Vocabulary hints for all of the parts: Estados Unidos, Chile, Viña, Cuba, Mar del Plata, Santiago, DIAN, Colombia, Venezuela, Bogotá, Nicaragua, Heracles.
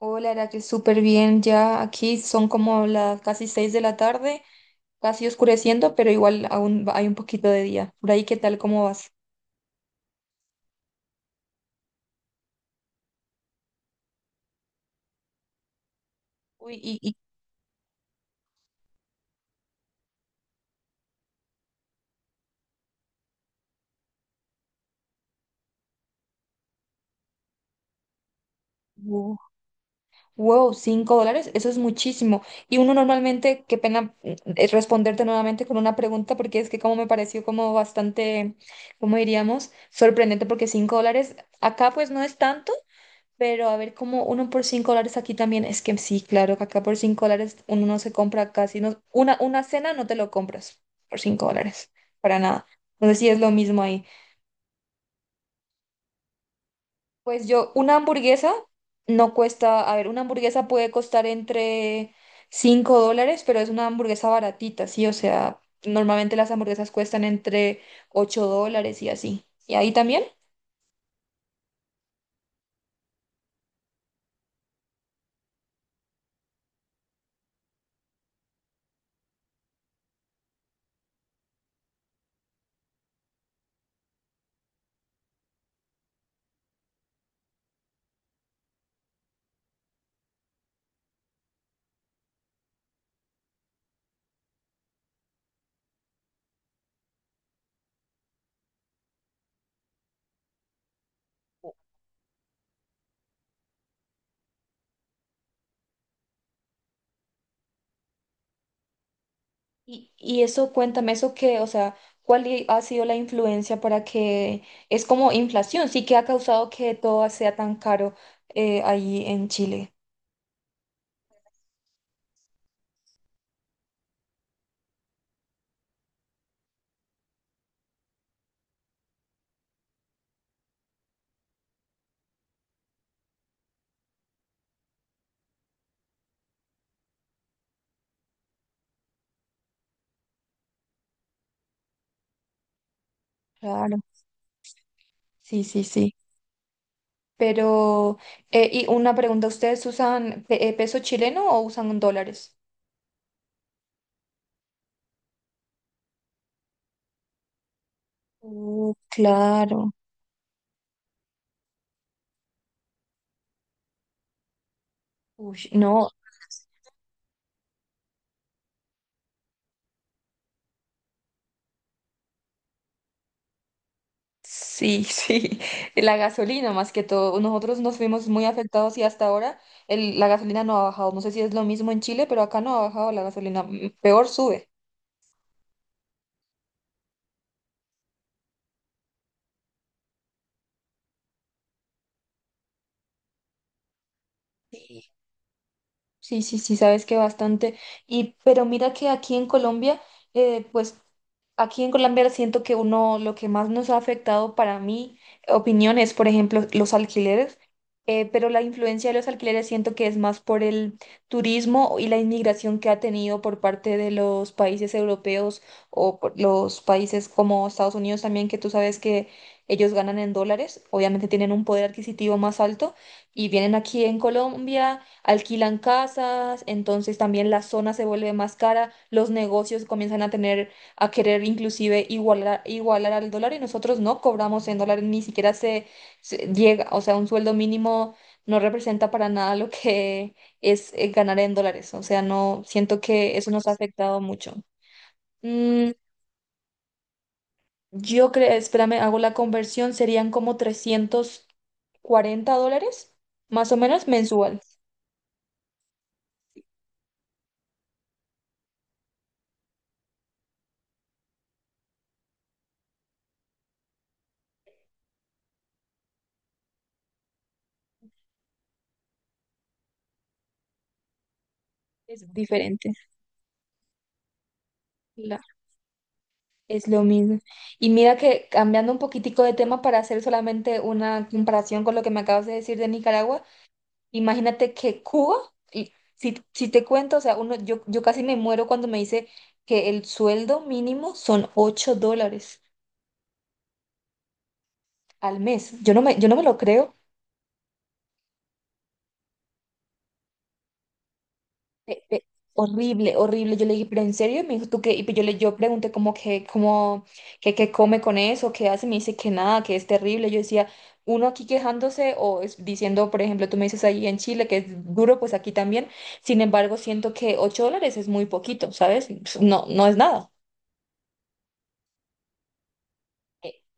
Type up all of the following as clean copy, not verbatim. Hola, Heracles, súper bien. Ya aquí son como las casi 6 de la tarde, casi oscureciendo, pero igual hay un poquito de día. Por ahí, ¿qué tal? ¿Cómo vas? Uy, wo- wow, $5, eso es muchísimo. Y uno normalmente, qué pena, responderte nuevamente con una pregunta, porque es que como me pareció como bastante, ¿cómo diríamos? Sorprendente, porque $5 acá pues no es tanto. Pero a ver, como uno por $5 aquí también, es que sí, claro, que acá por $5 uno no se compra casi, no, una cena no te lo compras por $5, para nada. Entonces sí es lo mismo ahí. Pues yo, una hamburguesa no cuesta, a ver, una hamburguesa puede costar entre $5, pero es una hamburguesa baratita, sí, o sea, normalmente las hamburguesas cuestan entre $8 y así. ¿Y ahí también? Y eso, cuéntame eso que, o sea, ha sido la influencia para que es como inflación, sí que ha causado que todo sea tan caro, ahí en Chile? Claro, sí, sí, sí. Pero, y una pregunta, ¿ustedes usan peso chileno o usan dólares? Claro. Uy, no. Sí, sí, la gasolina más que todo. Nosotros nos vimos muy afectados y hasta ahora la gasolina no ha bajado. No sé si es lo mismo en Chile, pero acá no ha bajado la gasolina. Peor sube. Sí, sí, sí, sí, sabes que bastante. Y, pero mira que aquí en Colombia, pues, aquí en Colombia siento que uno, lo que más nos ha afectado para mi opinión es, por ejemplo, los alquileres, pero la influencia de los alquileres siento que es más por el turismo y la inmigración que ha tenido por parte de los países europeos o por los países como Estados Unidos también, que tú sabes que ellos ganan en dólares, obviamente tienen un poder adquisitivo más alto y vienen aquí en Colombia, alquilan casas, entonces también la zona se vuelve más cara, los negocios comienzan a tener a querer inclusive igualar, igualar al dólar, y nosotros no cobramos en dólares, ni siquiera se llega, o sea, un sueldo mínimo no representa para nada lo que es ganar en dólares, o sea, no, siento que eso nos ha afectado mucho. Mm, yo creo, espérame, hago la conversión, serían como $340, más o menos mensual. Es diferente. Es lo mismo. Y mira que cambiando un poquitico de tema para hacer solamente una comparación con lo que me acabas de decir de Nicaragua, imagínate que Cuba, y si te cuento, o sea, uno, yo casi me muero cuando me dice que el sueldo mínimo son $8 al mes. Yo no me lo creo. Pe- pe- Horrible, horrible. Yo le dije, pero en serio, me dijo, ¿tú qué? Y pues yo pregunté como, que, qué come con eso, qué hace, me dice que nada, que es terrible. Yo decía, uno aquí quejándose o diciendo, por ejemplo, tú me dices ahí en Chile que es duro, pues aquí también. Sin embargo, siento que $8 es muy poquito, ¿sabes? Pues no, no es nada.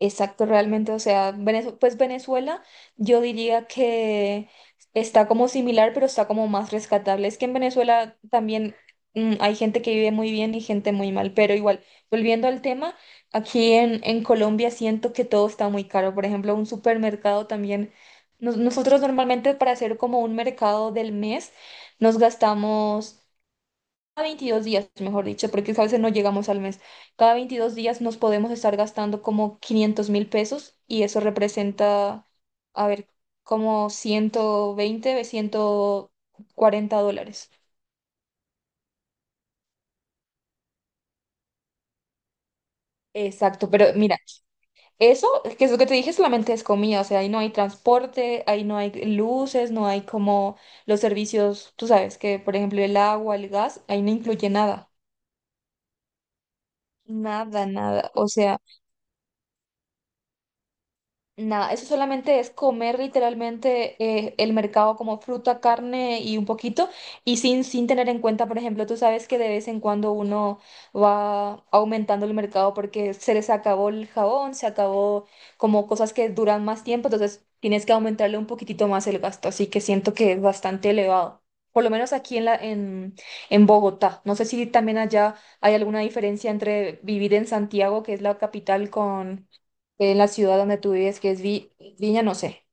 Exacto, realmente, o sea, pues Venezuela yo diría que está como similar, pero está como más rescatable. Es que en Venezuela también hay gente que vive muy bien y gente muy mal, pero igual, volviendo al tema, aquí en Colombia siento que todo está muy caro. Por ejemplo, un supermercado también, nosotros normalmente para hacer como un mercado del mes nos gastamos 22 días, mejor dicho, porque a veces no llegamos al mes. Cada 22 días nos podemos estar gastando como 500.000 pesos, y eso representa, a ver, como 120, $140. Exacto, pero mira, eso, que es lo que te dije, solamente es comida, o sea, ahí no hay transporte, ahí no hay luces, no hay como los servicios, tú sabes que, por ejemplo, el agua, el gas, ahí no incluye nada, nada, nada, o sea... Nada, eso solamente es comer literalmente, el mercado como fruta, carne y un poquito, y sin tener en cuenta, por ejemplo, tú sabes que de vez en cuando uno va aumentando el mercado porque se les acabó el jabón, se acabó como cosas que duran más tiempo, entonces tienes que aumentarle un poquitito más el gasto, así que siento que es bastante elevado, por lo menos aquí en la, en Bogotá. No sé si también allá hay alguna diferencia entre vivir en Santiago, que es la capital, con en la ciudad donde tú vives, que es Viña, no sé.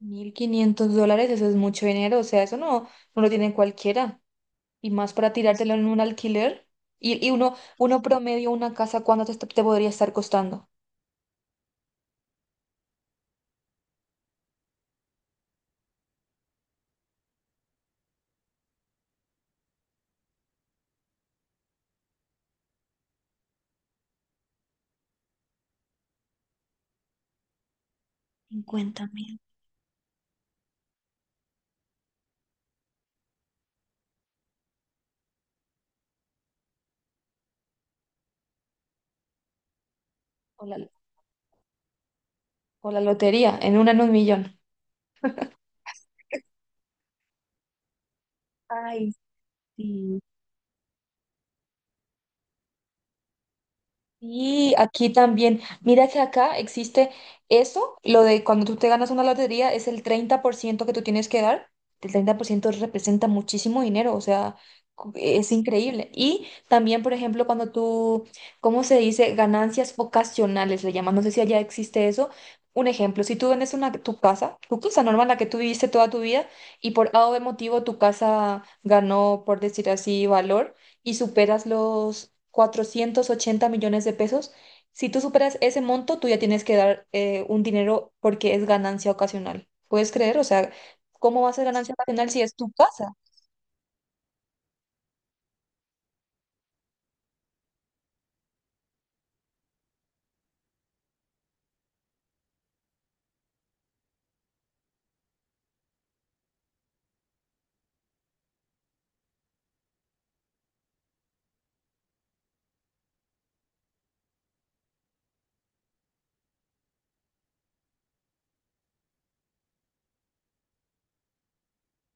$1.500, eso es mucho dinero, o sea, eso no, no lo tienen cualquiera, y más para tirártelo en un alquiler, y uno promedio una casa, ¿cuánto te podría estar costando? 50.000. O la, o la lotería, en un millón. Ay, sí. Y aquí también, mira que acá existe eso, lo de cuando tú te ganas una lotería es el 30% que tú tienes que dar. El 30% representa muchísimo dinero, o sea, es increíble. Y también, por ejemplo, cuando tú, ¿cómo se dice? Ganancias ocasionales, le llaman, no sé si allá existe eso. Un ejemplo, si tú vendes tu casa normal, la que tú viviste toda tu vida, y por A o B motivo tu casa ganó, por decir así, valor y superas los 480 millones de pesos. Si tú superas ese monto, tú ya tienes que dar un dinero porque es ganancia ocasional. ¿Puedes creer? O sea, ¿cómo va a ser ganancia ocasional si es tu casa?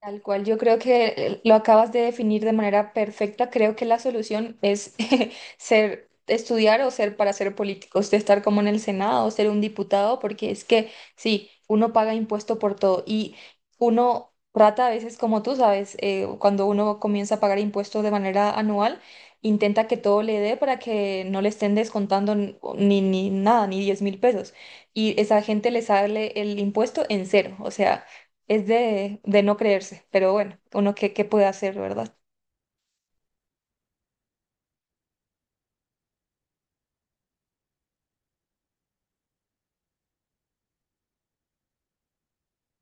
Tal cual, yo creo que lo acabas de definir de manera perfecta. Creo que la solución es ser, estudiar o ser para ser políticos, de estar como en el Senado o ser un diputado, porque es que sí, uno paga impuesto por todo, y uno trata a veces, como tú sabes, cuando uno comienza a pagar impuestos de manera anual, intenta que todo le dé para que no le estén descontando ni nada, ni 10.000 pesos. Y esa gente le sale el impuesto en cero, o sea es de no creerse, pero bueno, uno qué puede hacer, ¿verdad?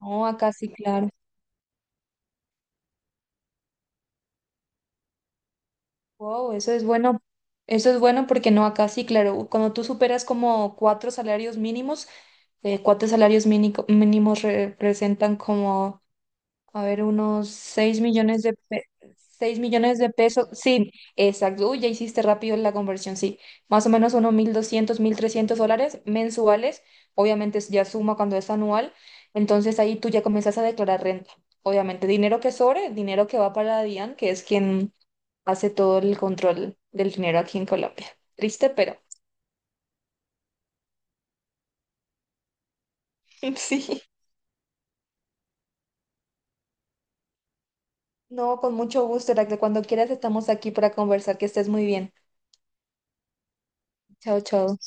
No, acá sí, claro. Wow, eso es bueno. Eso es bueno porque no, acá sí, claro. Cuando tú superas como cuatro salarios mínimos, cuatro salarios mínimos representan como, a ver, unos 6 millones 6 millones de pesos. Sí, exacto. Uy, ya hiciste rápido la conversión, sí. Más o menos unos 1.200, $1.300 mensuales. Obviamente ya suma cuando es anual. Entonces ahí tú ya comienzas a declarar renta. Obviamente, dinero que sobre, dinero que va para DIAN, que es quien hace todo el control del dinero aquí en Colombia. Triste, pero sí. No, con mucho gusto, Heracles. Cuando quieras estamos aquí para conversar. Que estés muy bien. Chao, chao.